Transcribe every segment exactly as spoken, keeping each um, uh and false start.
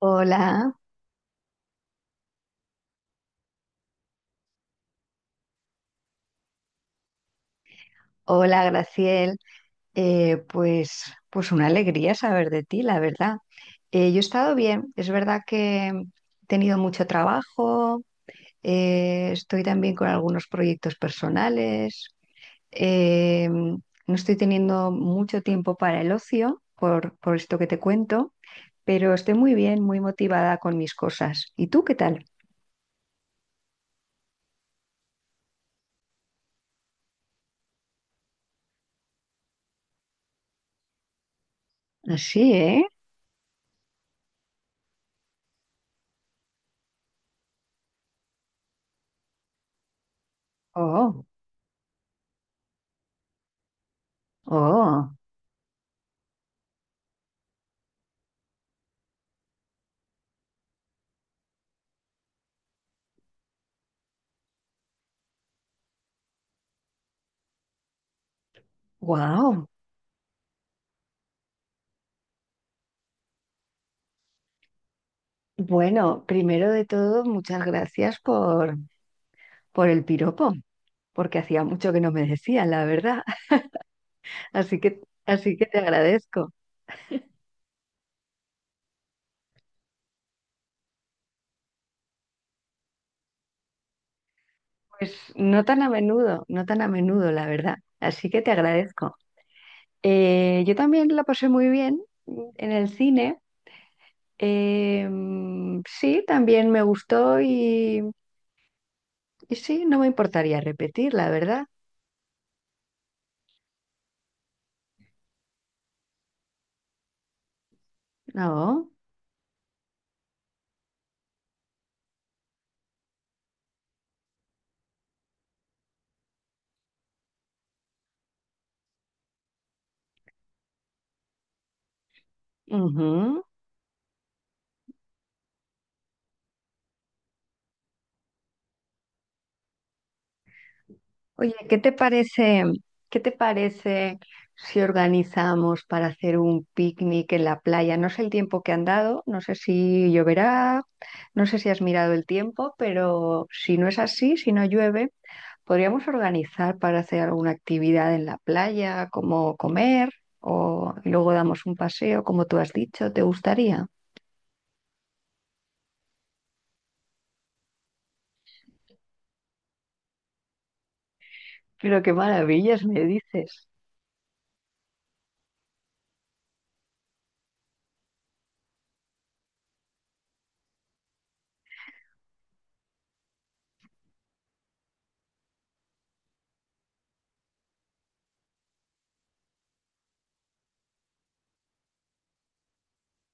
Hola, hola Graciel. Eh, pues, pues una alegría saber de ti, la verdad. Eh, yo he estado bien, es verdad que he tenido mucho trabajo, eh, estoy también con algunos proyectos personales, eh, no estoy teniendo mucho tiempo para el ocio por, por esto que te cuento, pero estoy muy bien, muy motivada con mis cosas. ¿Y tú qué tal? Así, ¿eh? Oh, oh, wow. Bueno, primero de todo, muchas gracias por, por el piropo, porque hacía mucho que no me decían, la verdad. Así que, así que te agradezco. Pues no tan a menudo, no tan a menudo, la verdad. Así que te agradezco. Eh, yo también la pasé muy bien en el cine. Eh, mm, sí, también me gustó y, y sí, no me importaría repetir, la verdad. No. Ujú. Oye, ¿qué te parece, ¿qué te parece si organizamos para hacer un picnic en la playa? No sé el tiempo que han dado, no sé si lloverá, no sé si has mirado el tiempo, pero si no es así, si no llueve, podríamos organizar para hacer alguna actividad en la playa, como comer, o y luego damos un paseo, como tú has dicho, ¿te gustaría? Pero qué maravillas me dices.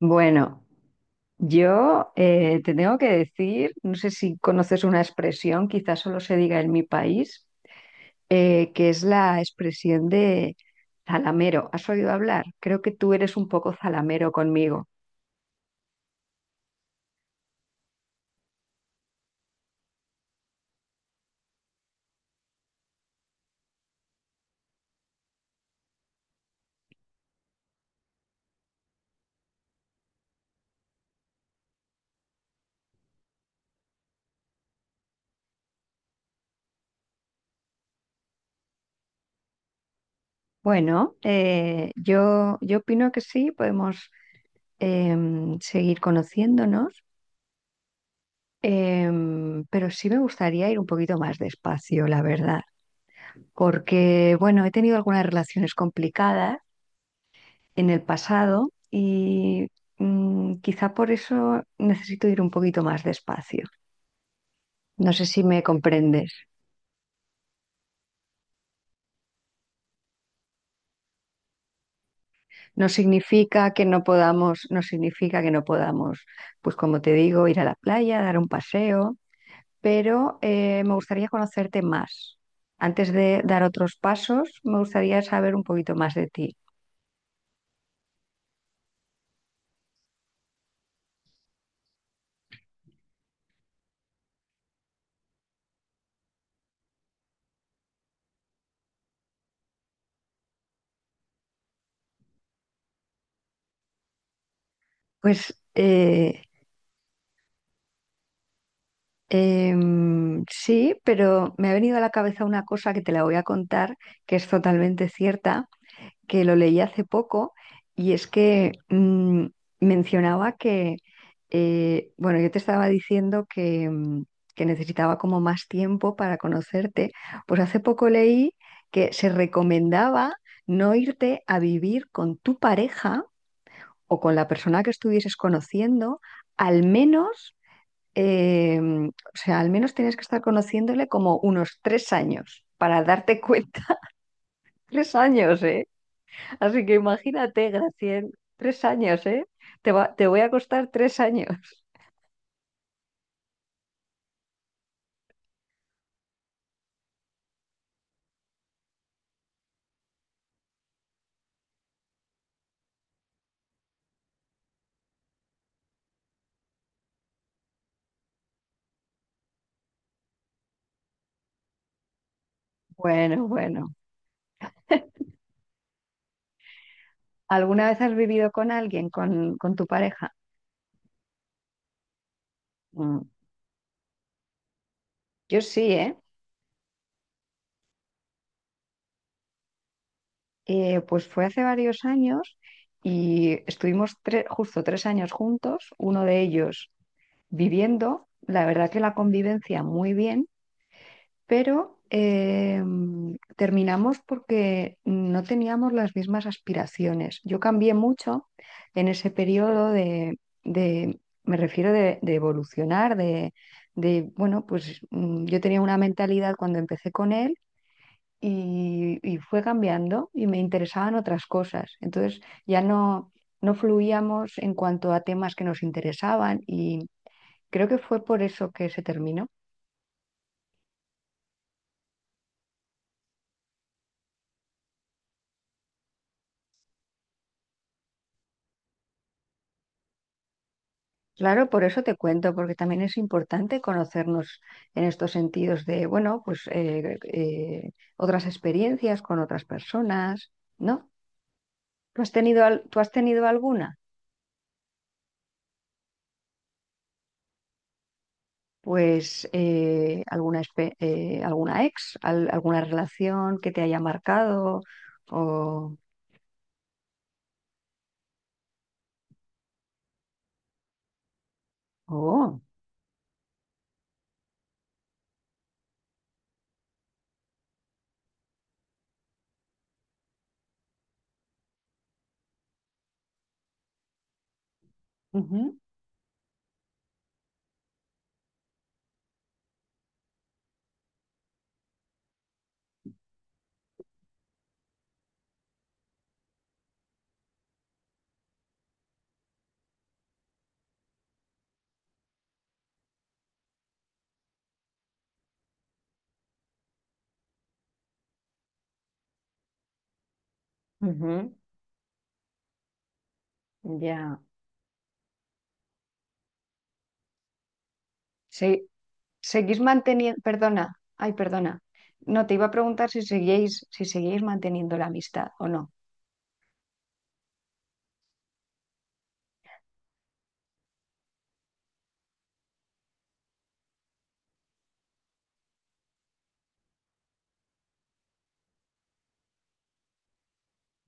Bueno. Yo eh, te tengo que decir, no sé si conoces una expresión, quizás solo se diga en mi país, eh, que es la expresión de zalamero. ¿Has oído hablar? Creo que tú eres un poco zalamero conmigo. Bueno, eh, yo, yo opino que sí, podemos em, seguir conociéndonos, em, pero sí me gustaría ir un poquito más despacio, la verdad, porque, bueno, he tenido algunas relaciones complicadas en el pasado y mm, quizá por eso necesito ir un poquito más despacio. No sé si me comprendes. No significa que no podamos, no significa que no podamos, pues como te digo, ir a la playa, dar un paseo, pero eh, me gustaría conocerte más. Antes de dar otros pasos, me gustaría saber un poquito más de ti. Pues eh, em, sí, pero me ha venido a la cabeza una cosa que te la voy a contar, que es totalmente cierta, que lo leí hace poco y es que mm, mencionaba que, eh, bueno, yo te estaba diciendo que, mm, que necesitaba como más tiempo para conocerte, pues hace poco leí que se recomendaba no irte a vivir con tu pareja o con la persona que estuvieses conociendo, al menos, eh, o sea, al menos tienes que estar conociéndole como unos tres años para darte cuenta. Tres años, ¿eh? Así que imagínate, Graciel, tres años, ¿eh? Te va- te voy a costar tres años. Bueno, bueno. ¿Alguna vez has vivido con alguien, con, con tu pareja? Mm, yo sí, ¿eh? Eh, Pues fue hace varios años y estuvimos tre- justo tres años juntos, uno de ellos viviendo, la verdad que la convivencia muy bien, pero eh, terminamos porque no teníamos las mismas aspiraciones. Yo cambié mucho en ese periodo de, de- me refiero de, de evolucionar, de, de, bueno, pues mm, yo tenía una mentalidad cuando empecé con él y, y fue cambiando y me interesaban otras cosas. Entonces ya no, no fluíamos en cuanto a temas que nos interesaban y creo que fue por eso que se terminó. Claro, por eso te cuento, porque también es importante conocernos en estos sentidos de, bueno, pues eh, eh, otras experiencias con otras personas, ¿no? ¿Tú has tenido, al- tú has tenido alguna? Pues eh, alguna, espe- eh, alguna ex, al- alguna relación que te haya marcado o... o- Ujú. Ujú, ya. Se- seguís manteniendo, perdona, ay, perdona. No, te iba a preguntar si seguíais, si seguíais manteniendo la amistad o no.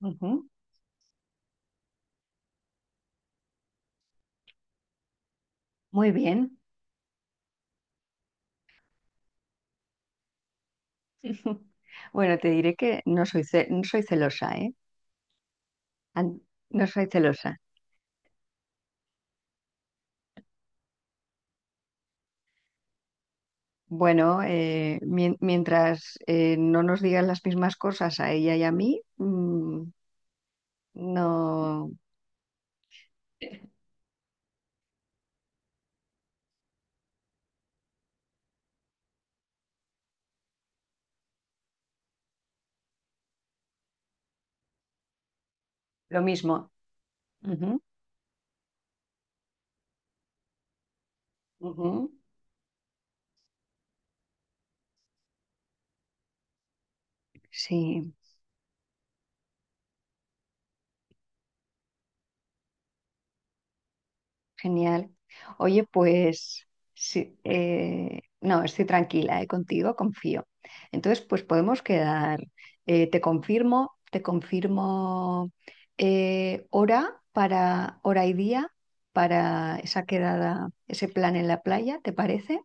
Ujú, muy bien. Bueno, te diré que no soy, ce- no soy celosa, ¿eh? An- No soy celosa. Bueno, eh, mien- mientras eh, no nos digan las mismas cosas a ella y a mí, mm, no, lo mismo. Ujú, ujú. Sí. Genial. Oye, pues sí, eh, no, estoy tranquila, eh, contigo, confío. Entonces, pues podemos quedar. eh, te confirmo, te confirmo eh, hora para hora y día para esa quedada, ese plan en la playa, ¿te parece?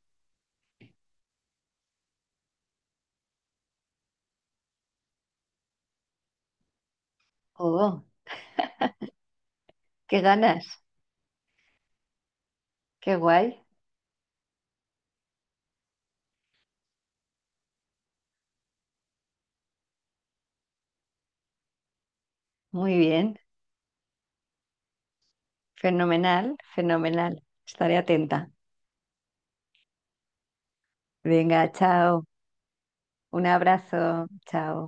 Oh, qué ganas, qué guay. Muy bien, fenomenal, fenomenal. Estaré atenta. Venga, chao. Un abrazo, chao.